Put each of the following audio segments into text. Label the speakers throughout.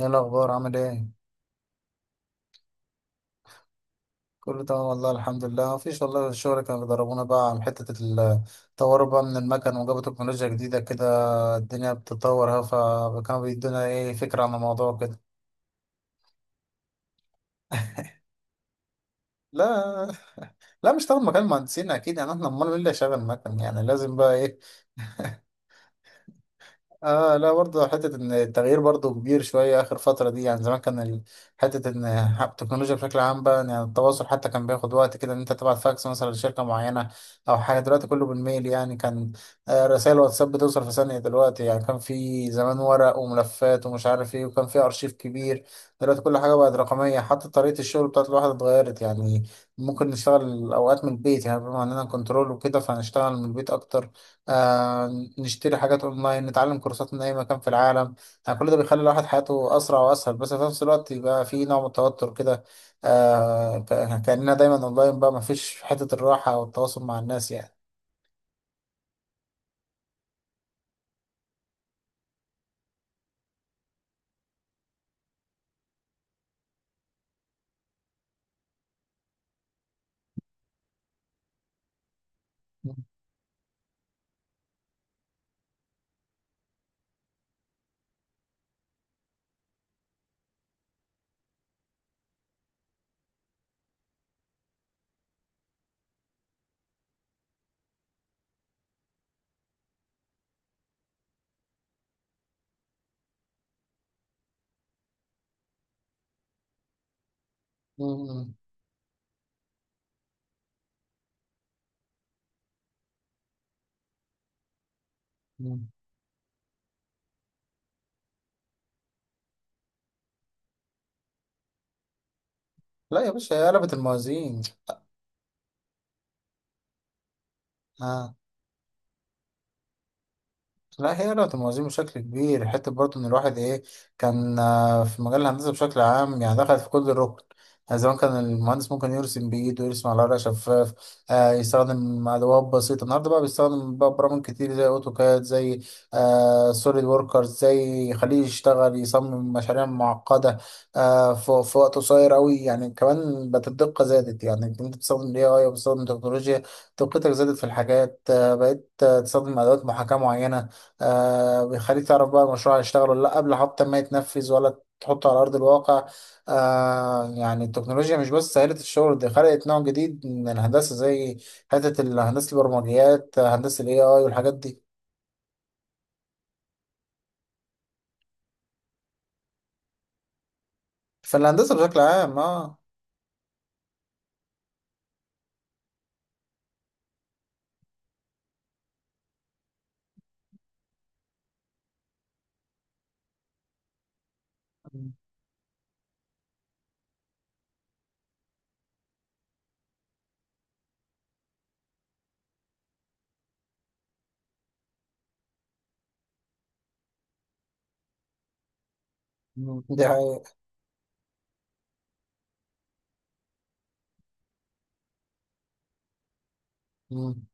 Speaker 1: ايه الاخبار؟ عامل ايه؟ كله تمام والله. الحمد لله. مفيش والله، الشغل كانوا بيدربونا بقى على حته التطور بقى من المكن، وجابوا تكنولوجيا جديده كده. الدنيا بتتطور اهو. فكانوا بيدونا ايه فكره عن الموضوع كده. لا. لا مش طبعا، مكان مهندسين اكيد يعني، احنا امال مين اللي شغال مكن؟ يعني لازم بقى ايه. اه لا برضه حتة ان التغيير برضه كبير شوية اخر فترة دي. يعني زمان كان حتة ان التكنولوجيا بشكل عام بقى، يعني التواصل حتى كان بياخد وقت كده، ان انت تبعت فاكس مثلا لشركة معينة او حاجة. دلوقتي كله بالميل يعني، كان رسائل واتساب بتوصل في ثانية دلوقتي. يعني كان في زمان ورق وملفات ومش عارف ايه، وكان في ارشيف كبير. دلوقتي كل حاجة بقت رقمية، حتى طريقة الشغل بتاعت الواحد اتغيرت يعني. ممكن نشتغل اوقات من البيت، يعني بما اننا كنترول وكده فهنشتغل من البيت اكتر. آه نشتري حاجات اونلاين، نتعلم كورسات من اي مكان في العالم. يعني كل ده بيخلي الواحد حياته اسرع واسهل، بس في نفس الوقت يبقى في نوع من التوتر كده. كأننا دايما اونلاين بقى، ما فيش حتة الراحة والتواصل مع الناس يعني. م- م- م- م. لا يا باشا، هي قلبت الموازين. آه. لا هي لو تموازين بشكل كبير، حتى برضه ان الواحد ايه، كان في مجال الهندسه بشكل عام يعني دخل في كل الركن. يعني زمان كان المهندس ممكن يرسم بايده، يرسم على ورقه شفاف، يستخدم ادوات بسيطه. النهارده بقى بيستخدم بقى برامج كتير زي اوتوكاد، زي سوليد وركرز، زي يخليه يشتغل يصمم مشاريع معقده في, وقت قصير قوي يعني. كمان بقت الدقه زادت يعني، انت بتستخدم الاي اي وبتستخدم تكنولوجيا، دقتك زادت في الحاجات. بقيت تستخدم ادوات محاكاه معينه، بيخليك تعرف بقى المشروع هيشتغل ولا لا قبل حتى ما يتنفذ ولا تحطه على أرض الواقع. يعني التكنولوجيا مش بس سهلت الشغل، دي خلقت نوع جديد من الهندسة، زي حتة الهندسة البرمجيات، هندسة ال AI والحاجات دي. فالهندسة بشكل عام اه. مم. دي حقيقة. مم.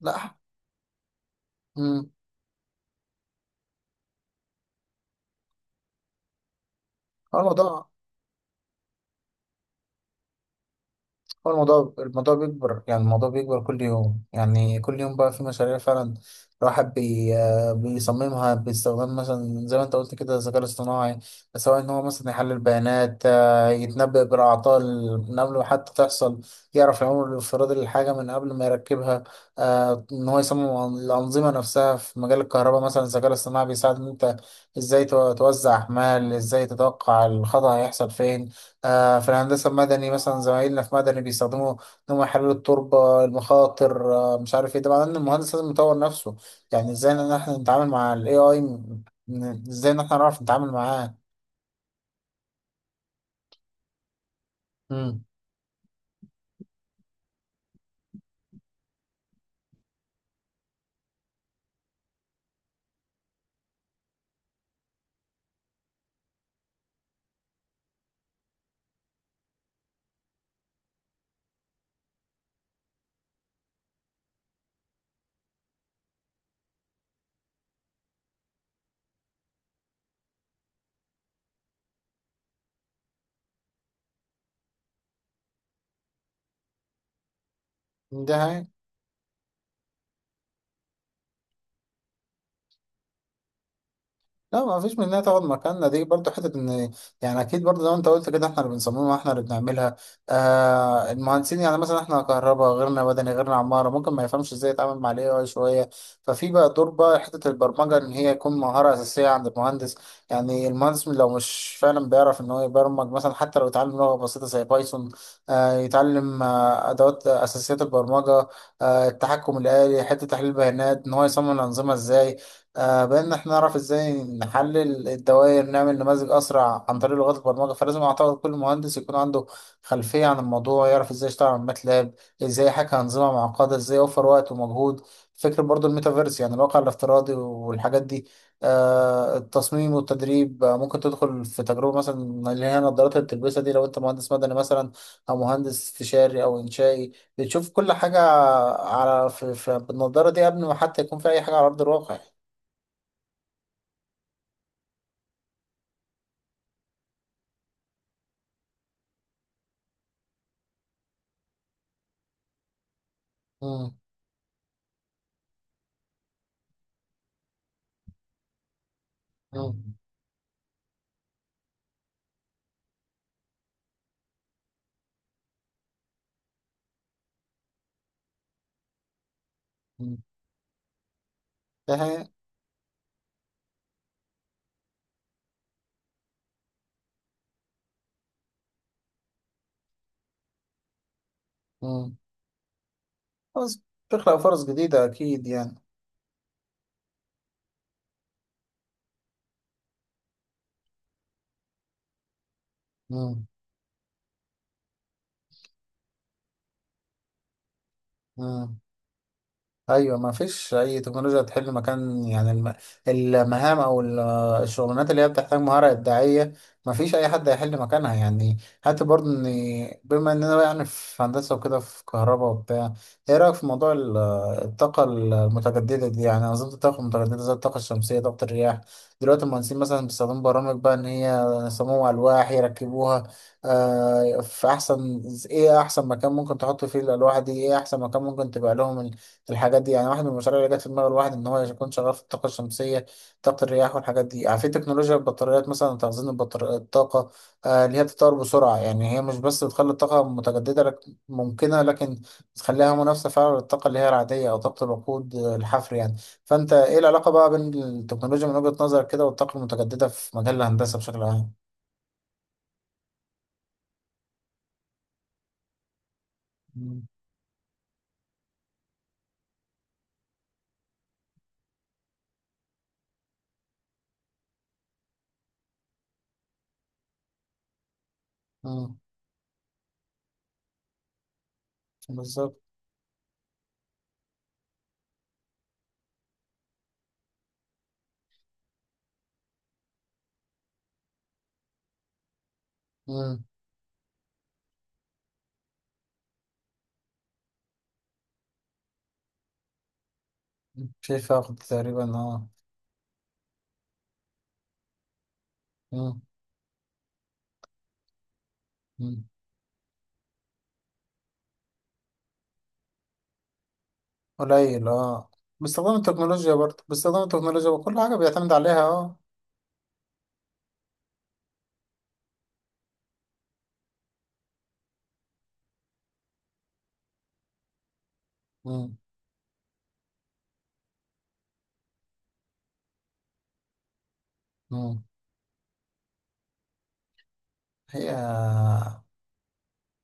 Speaker 1: لا. مم. هو الموضوع، الموضوع بيكبر يعني، الموضوع بيكبر كل يوم. يعني كل يوم بقى في مشاريع فعلا الواحد بي آه، بيصممها باستخدام مثلا زي ما انت قلت كده الذكاء الاصطناعي. سواء ان هو مثلا يحلل بيانات، يتنبأ بالأعطال من قبل ما حتى تحصل، يعرف العمر الافتراضي للحاجة من قبل ما يركبها، ان هو يصمم الأنظمة نفسها. في مجال الكهرباء مثلا، الذكاء الاصطناعي بيساعد ان انت ازاي توزع أحمال، ازاي تتوقع الخطأ هيحصل فين. في الهندسة المدني مثلا زمايلنا في مدني بيستخدموا إن هم يحللوا التربة المخاطر، مش عارف إيه. طبعا إن المهندس لازم يطور نفسه، يعني إزاي إن إحنا نتعامل مع ال AI، إزاي إن إحنا نعرف نتعامل معاه. مم. ده هي. لا، ما فيش منها تاخد مكاننا دي برضو. حتة ان يعني اكيد برضو زي ما انت قلت كده احنا اللي بنصممها، احنا اللي بنعملها، المهندسين يعني. مثلا احنا كهرباء، غيرنا مدني، غيرنا عمارة ممكن ما يفهمش ازاي يتعامل مع الاي اي شوية. ففي بقى دور بقى حتة البرمجة، ان هي يكون مهارة اساسية عند المهندس. يعني المهندس لو مش فعلا بيعرف ان هو يبرمج مثلا، حتى لو يتعلم لغة بسيطة زي بايثون، يتعلم ادوات اساسيات البرمجة، التحكم الآلي، حتة تحليل البيانات، ان هو يصمم الانظمة ازاي، بان احنا نعرف ازاي نحلل الدوائر، نعمل نماذج اسرع عن طريق لغات البرمجه. فلازم اعتقد كل مهندس يكون عنده خلفيه عن الموضوع، يعرف ازاي يشتغل على ماتلاب، ازاي يحكي انظمه معقده، ازاي يوفر وقت ومجهود. فكره برضو الميتافيرس، يعني الواقع الافتراضي والحاجات دي، التصميم والتدريب. ممكن تدخل في تجربه مثلا، اللي هي النظارات اللي بتلبسها دي، لو انت مهندس مدني مثلا او مهندس استشاري او انشائي، بتشوف كل حاجه على في, في بالنظاره دي قبل ما حتى يكون في اي حاجه على ارض الواقع. مم. مم. مم. ده هي- مم. فرص. تخلق فرص جديدة أكيد يعني. مم. مم. ايوه، ما فيش اي تكنولوجيا تحل مكان يعني المهام او الشغلانات اللي هي بتحتاج مهاره ابداعيه، ما فيش اي حد هيحل مكانها يعني. حتى برضه ان بما اننا بقى يعني في هندسه وكده في كهرباء وبتاع، ايه رايك في موضوع الطاقه المتجدده دي، يعني انظمه الطاقه المتجدده زي الطاقه الشمسيه، طاقه الرياح؟ دلوقتي المهندسين مثلا بيستخدموا برامج بقى ان هي يصمموا الواح يركبوها، في احسن، ايه احسن مكان ممكن تحط فيه الالواح دي، ايه احسن مكان ممكن تبقى لهم الحاجات دي. يعني واحد من المشاريع اللي جت في دماغ الواحد ان هو يكون شغال في الطاقه الشمسيه، طاقه الرياح والحاجات دي. يعني في تكنولوجيا البطاريات مثلا، تخزين الطاقه، اللي هي بتتطور بسرعه. يعني هي مش بس بتخلي الطاقه متجدده لك ممكنه، لكن بتخليها منافسه فعلا للطاقه اللي هي العاديه او طاقه الوقود، الحفر يعني. فانت ايه العلاقه بقى بين التكنولوجيا من وجهه نظرك كده والطاقه المتجدده في مجال الهندسه بشكل عام؟ مم. مم. بالظبط. مم. شايف فقد تقريبا اه. مم. قليل اه. باستخدام التكنولوجيا برضه، باستخدام التكنولوجيا وكل حاجة بيعتمد عليها اه. مم. مم. هي،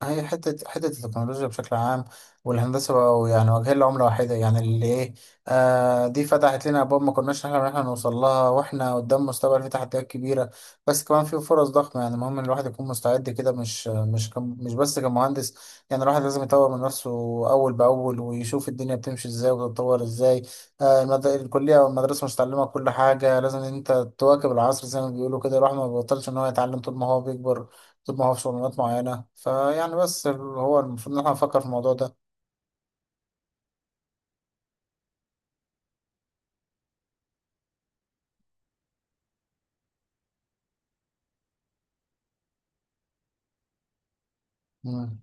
Speaker 1: هي حتة التكنولوجيا بشكل عام والهندسة بقوا يعني واجهين لعملة واحدة، يعني اللي إيه، دي فتحت لنا أبواب ما كناش نحلم إن إحنا نوصل لها، وإحنا قدام مستقبل فيه تحديات كبيرة بس كمان في فرص ضخمة. يعني المهم إن الواحد يكون مستعد كده، مش بس كمهندس، يعني الواحد لازم يطور من نفسه أول بأول ويشوف الدنيا بتمشي إزاي وتتطور إزاي. الكلية أو المدرسة مش تعلمك كل حاجة، لازم إن أنت تواكب العصر زي ما بيقولوا كده. الواحد ما بيبطلش إن هو يتعلم طول ما هو بيكبر، بتطبع في شغلانات معينة فيعني. بس هو المفروض إن احنا نفكر في الموضوع ده. مم.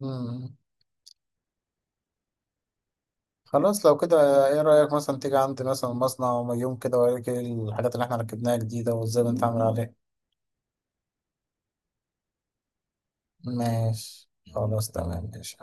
Speaker 1: مم. خلاص لو كده ايه رأيك مثلا تيجي عندي مثلا مصنع وما يوم كده وأوريك إيه الحاجات اللي احنا ركبناها جديدة وازاي بنتعامل عليها؟ ماشي. خلاص تمام، ماشي.